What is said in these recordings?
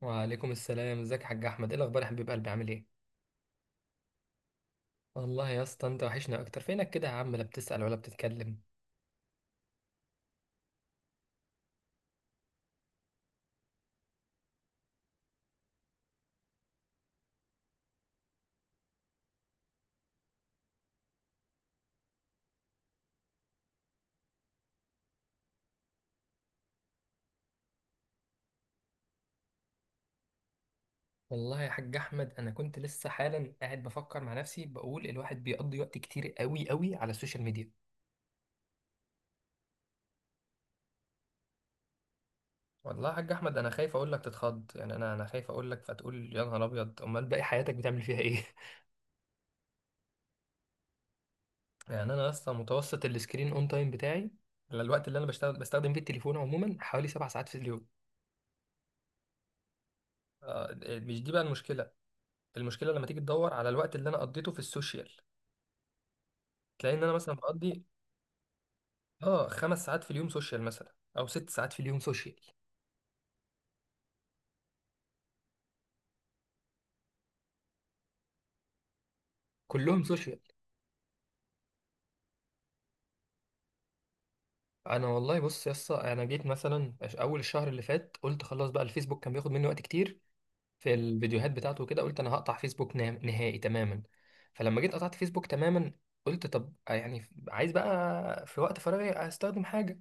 وعليكم السلام، ازيك يا حاج احمد؟ ايه الاخبار يا حبيب قلبي، عامل ايه؟ والله يا اسطى انت وحشنا اكتر. فينك كده يا عم؟ لا بتسأل ولا بتتكلم. والله يا حاج احمد انا كنت لسه حالا قاعد بفكر مع نفسي، بقول الواحد بيقضي وقت كتير قوي قوي على السوشيال ميديا. والله يا حاج احمد انا خايف اقول لك تتخض، يعني انا خايف اقول لك فتقول يا نهار ابيض، امال باقي حياتك بتعمل فيها ايه؟ يعني انا اصلا متوسط السكرين اون تايم بتاعي، على الوقت اللي انا بشتغل بستخدم فيه التليفون عموما، حوالي 7 ساعات في اليوم. آه، مش دي بقى المشكلة. المشكله لما تيجي تدور على الوقت اللي انا قضيته في السوشيال، تلاقي ان انا مثلا بقضي اه 5 ساعات في اليوم سوشيال مثلا، او 6 ساعات في اليوم سوشيال. كلهم سوشيال. انا والله بص يا اسطى، انا جيت مثلا اول الشهر اللي فات، قلت خلاص بقى، الفيسبوك كان بياخد مني وقت كتير في الفيديوهات بتاعته وكده، قلت انا هقطع فيسبوك نهائي تماما. فلما جيت قطعت فيسبوك تماما، قلت طب يعني عايز بقى في وقت فراغي استخدم حاجه،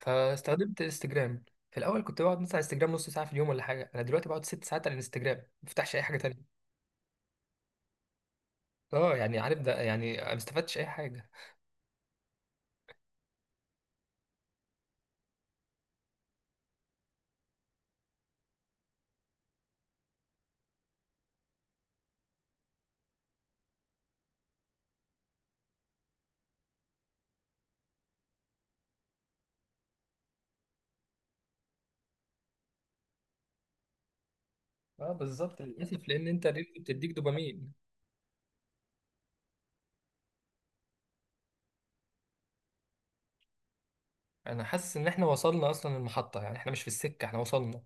فاستخدمت انستجرام. في الاول كنت بقعد مثلا على انستجرام نص ساعه في اليوم ولا حاجه، انا دلوقتي بقعد 6 ساعات على الانستجرام، ما بفتحش اي حاجه تانية. اه يعني عارف ده، يعني ما استفدتش اي حاجه. اه بالظبط، للاسف. لان انت الريلز بتديك دوبامين. انا حاسس ان احنا وصلنا اصلا المحطه، يعني احنا مش في السكه، احنا وصلنا.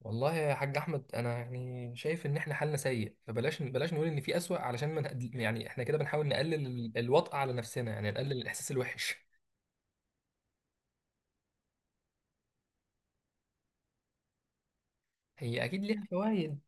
والله يا حاج احمد انا يعني شايف ان احنا حالنا سيء، فبلاش بلاش نقول ان في اسوأ، علشان ما نقد- يعني احنا كده بنحاول نقلل الوطأة على نفسنا، يعني نقلل الاحساس الوحش. هي اكيد ليها فوائد.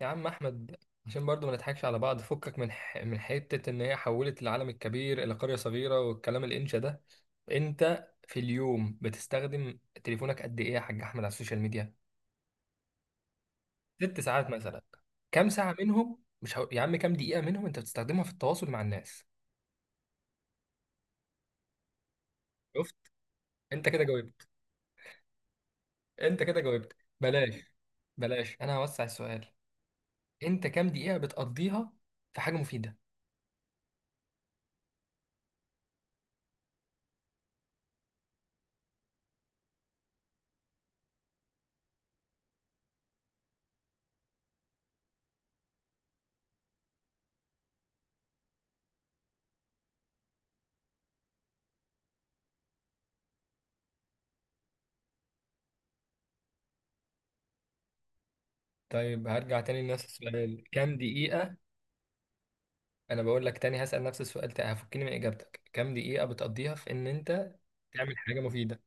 يا عم احمد، عشان برضو ما نضحكش على بعض، فكك من من حته ان هي حولت العالم الكبير الى قريه صغيره والكلام الانشا ده. انت في اليوم بتستخدم تليفونك قد ايه يا حاج احمد على السوشيال ميديا؟ 6 ساعات مثلا، كام ساعه منهم مش هو... يا عم كام دقيقه منهم انت بتستخدمها في التواصل مع الناس؟ شفت؟ انت كده جاوبت. انت كده جاوبت. بلاش، بلاش. انا هوسع السؤال. انت كام دقيقه بتقضيها في حاجه مفيده؟ طيب هرجع تاني لنفس السؤال، كام دقيقه؟ انا بقول لك تاني هسأل نفس السؤال تاني، هفكني من اجابتك. كام دقيقة بتقضيها في ان انت تعمل حاجة مفيدة؟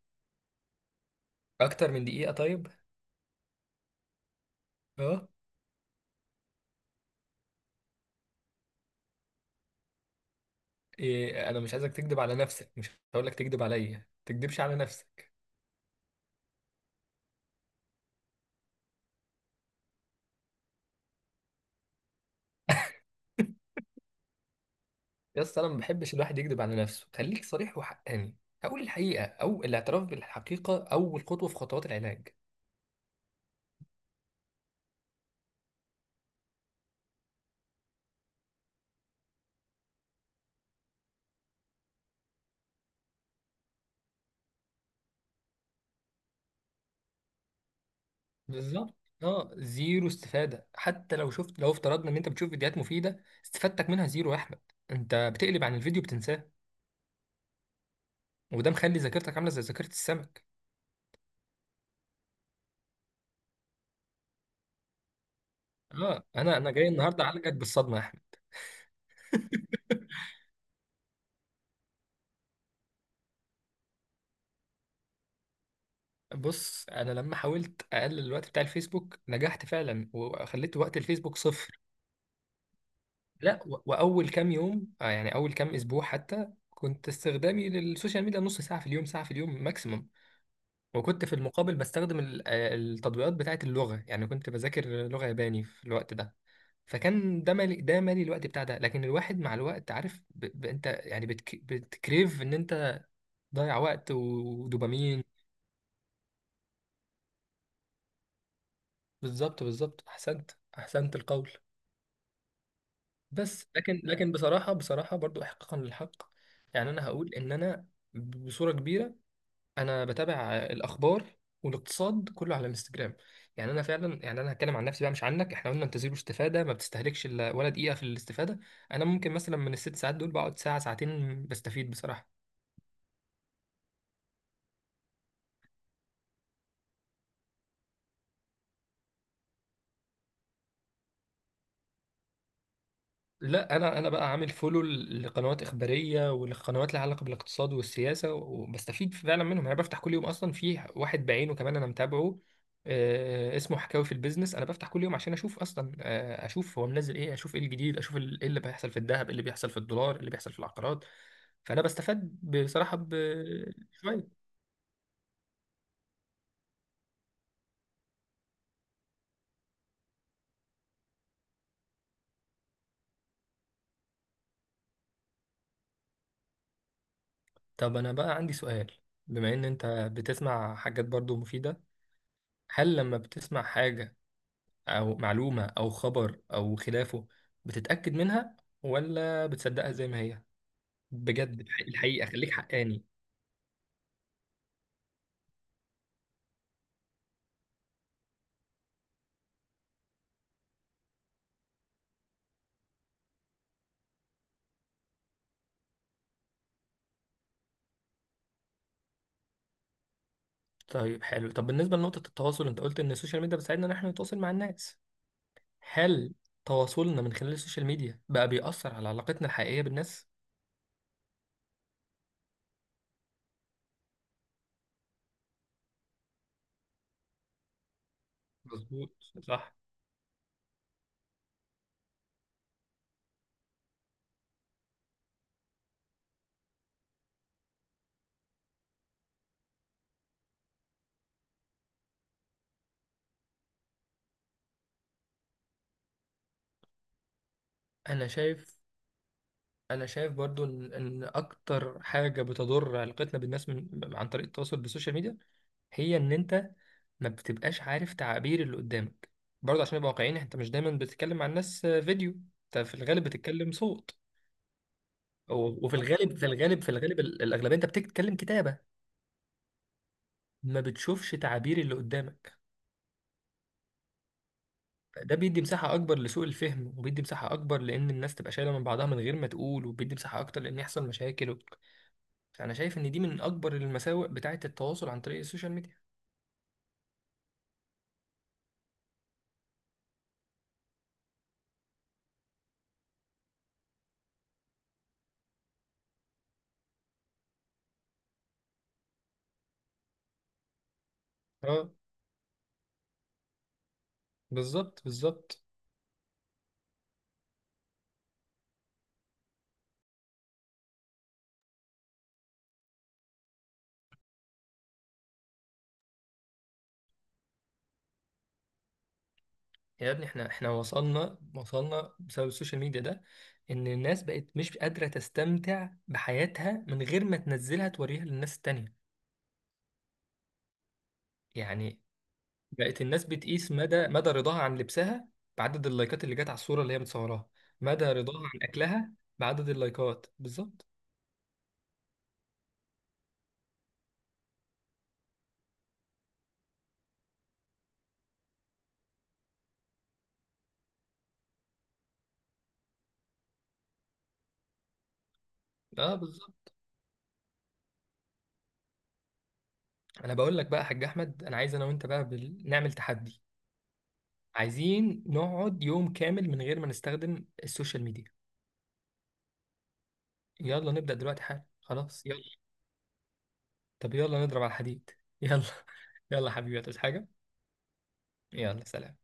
اكتر من دقيقة؟ طيب. اه. إيه، انا مش عايزك تكذب على نفسك، مش هقول لك تكذب عليا، تكذبش على نفسك. يا اسطى انا ما بحبش الواحد يكذب على نفسه، خليك صريح وحقاني. اقول الحقيقة، او الاعتراف بالحقيقة، اول خطوة في خطوات العلاج. بالظبط. اه زيرو استفادة. حتى لو شفت، لو افترضنا ان انت بتشوف فيديوهات مفيدة، استفادتك منها زيرو يا احمد. انت بتقلب عن الفيديو بتنساه. وده مخلي ذاكرتك عاملة زي ذاكرة السمك. اه انا جاي النهارده اعالجك بالصدمه يا احمد. بص انا لما حاولت اقلل الوقت بتاع الفيسبوك، نجحت فعلا وخليت وقت الفيسبوك صفر. لا، واول كام يوم، يعني اول كام اسبوع حتى، كنت استخدامي للسوشيال ميديا نص ساعه في اليوم، ساعه في اليوم ماكسيمم. وكنت في المقابل بستخدم التطبيقات بتاعه اللغه، يعني كنت بذاكر لغه ياباني في الوقت ده. فكان ده مالي، ده مالي الوقت بتاع ده. لكن الواحد مع الوقت عارف انت يعني بتكريف ان انت ضيع وقت ودوبامين. بالظبط، بالظبط. احسنت، احسنت القول. بس لكن بصراحه، بصراحه برضو، احقاقا للحق، يعني انا هقول ان انا بصوره كبيره انا بتابع الاخبار والاقتصاد كله على الانستجرام. يعني انا فعلا، يعني انا هتكلم عن نفسي بقى مش عنك، احنا قلنا انت زيرو استفاده، ما بتستهلكش إلا ولا دقيقه في الاستفاده. انا ممكن مثلا من ال6 ساعات دول بقعد ساعه ساعتين بستفيد بصراحه. لا انا بقى عامل فولو لقنوات اخباريه والقنوات اللي علاقه بالاقتصاد والسياسه، وبستفيد فعلا منهم. يعني انا بفتح كل يوم اصلا في واحد بعينه كمان انا متابعه، اسمه حكاوي في البيزنس. انا بفتح كل يوم عشان اشوف اصلا اشوف هو منزل ايه، اشوف ايه الجديد، اشوف ايه اللي بيحصل في الذهب، ايه اللي بيحصل في الدولار، ايه اللي بيحصل في العقارات. فانا بستفاد بصراحه بشويه. طب انا بقى عندي سؤال. بما ان انت بتسمع حاجات برضو مفيده، هل لما بتسمع حاجه أو معلومة أو خبر أو خلافه، بتتأكد منها ولا بتصدقها زي ما هي؟ بجد الحقيقة، خليك حقاني. طيب حلو. طب بالنسبة لنقطة التواصل، أنت قلت إن السوشيال ميديا بتساعدنا إن إحنا نتواصل مع الناس. هل تواصلنا من خلال السوشيال ميديا بقى بيأثر على علاقتنا الحقيقية بالناس؟ مظبوط. صح. أنا شايف انا شايف برضو ان إن اكتر حاجه بتضر علاقتنا بالناس من عن طريق التواصل بالسوشيال ميديا، هي ان انت ما بتبقاش عارف تعابير اللي قدامك. برضه عشان نبقى واقعيين، انت مش دايما بتتكلم مع الناس فيديو، انت في الغالب بتتكلم صوت. وفي الغالب، في الغالب، الاغلبيه انت بتتكلم كتابه. ما بتشوفش تعابير اللي قدامك. ده بيدي مساحه اكبر لسوء الفهم، وبيدي مساحه اكبر لان الناس تبقى شايله من بعضها من غير ما تقول، وبيدي مساحه اكتر لان يحصل مشاكل. فأنا شايف إن دي من أكبر المساوئ بتاعة التواصل عن طريق السوشيال ميديا. اه بالظبط، بالظبط. يا ابني احنا وصلنا، وصلنا بسبب السوشيال ميديا ده، ان الناس بقت مش قادرة تستمتع بحياتها من غير ما تنزلها توريها للناس التانية. يعني بقت الناس بتقيس مدى رضاها عن لبسها بعدد اللايكات اللي جت على الصورة اللي هي متصوراها. مدى رضاها عن اكلها بعدد اللايكات. بالظبط، اه بالظبط. انا بقول لك بقى يا حاج احمد، انا عايز انا وانت بقى نعمل تحدي. عايزين نقعد يوم كامل من غير ما نستخدم السوشيال ميديا. يلا نبدأ دلوقتي حالا، خلاص يلا. طب يلا نضرب على الحديد. يلا. يلا حبيبي، هتعوز حاجة؟ يلا سلام.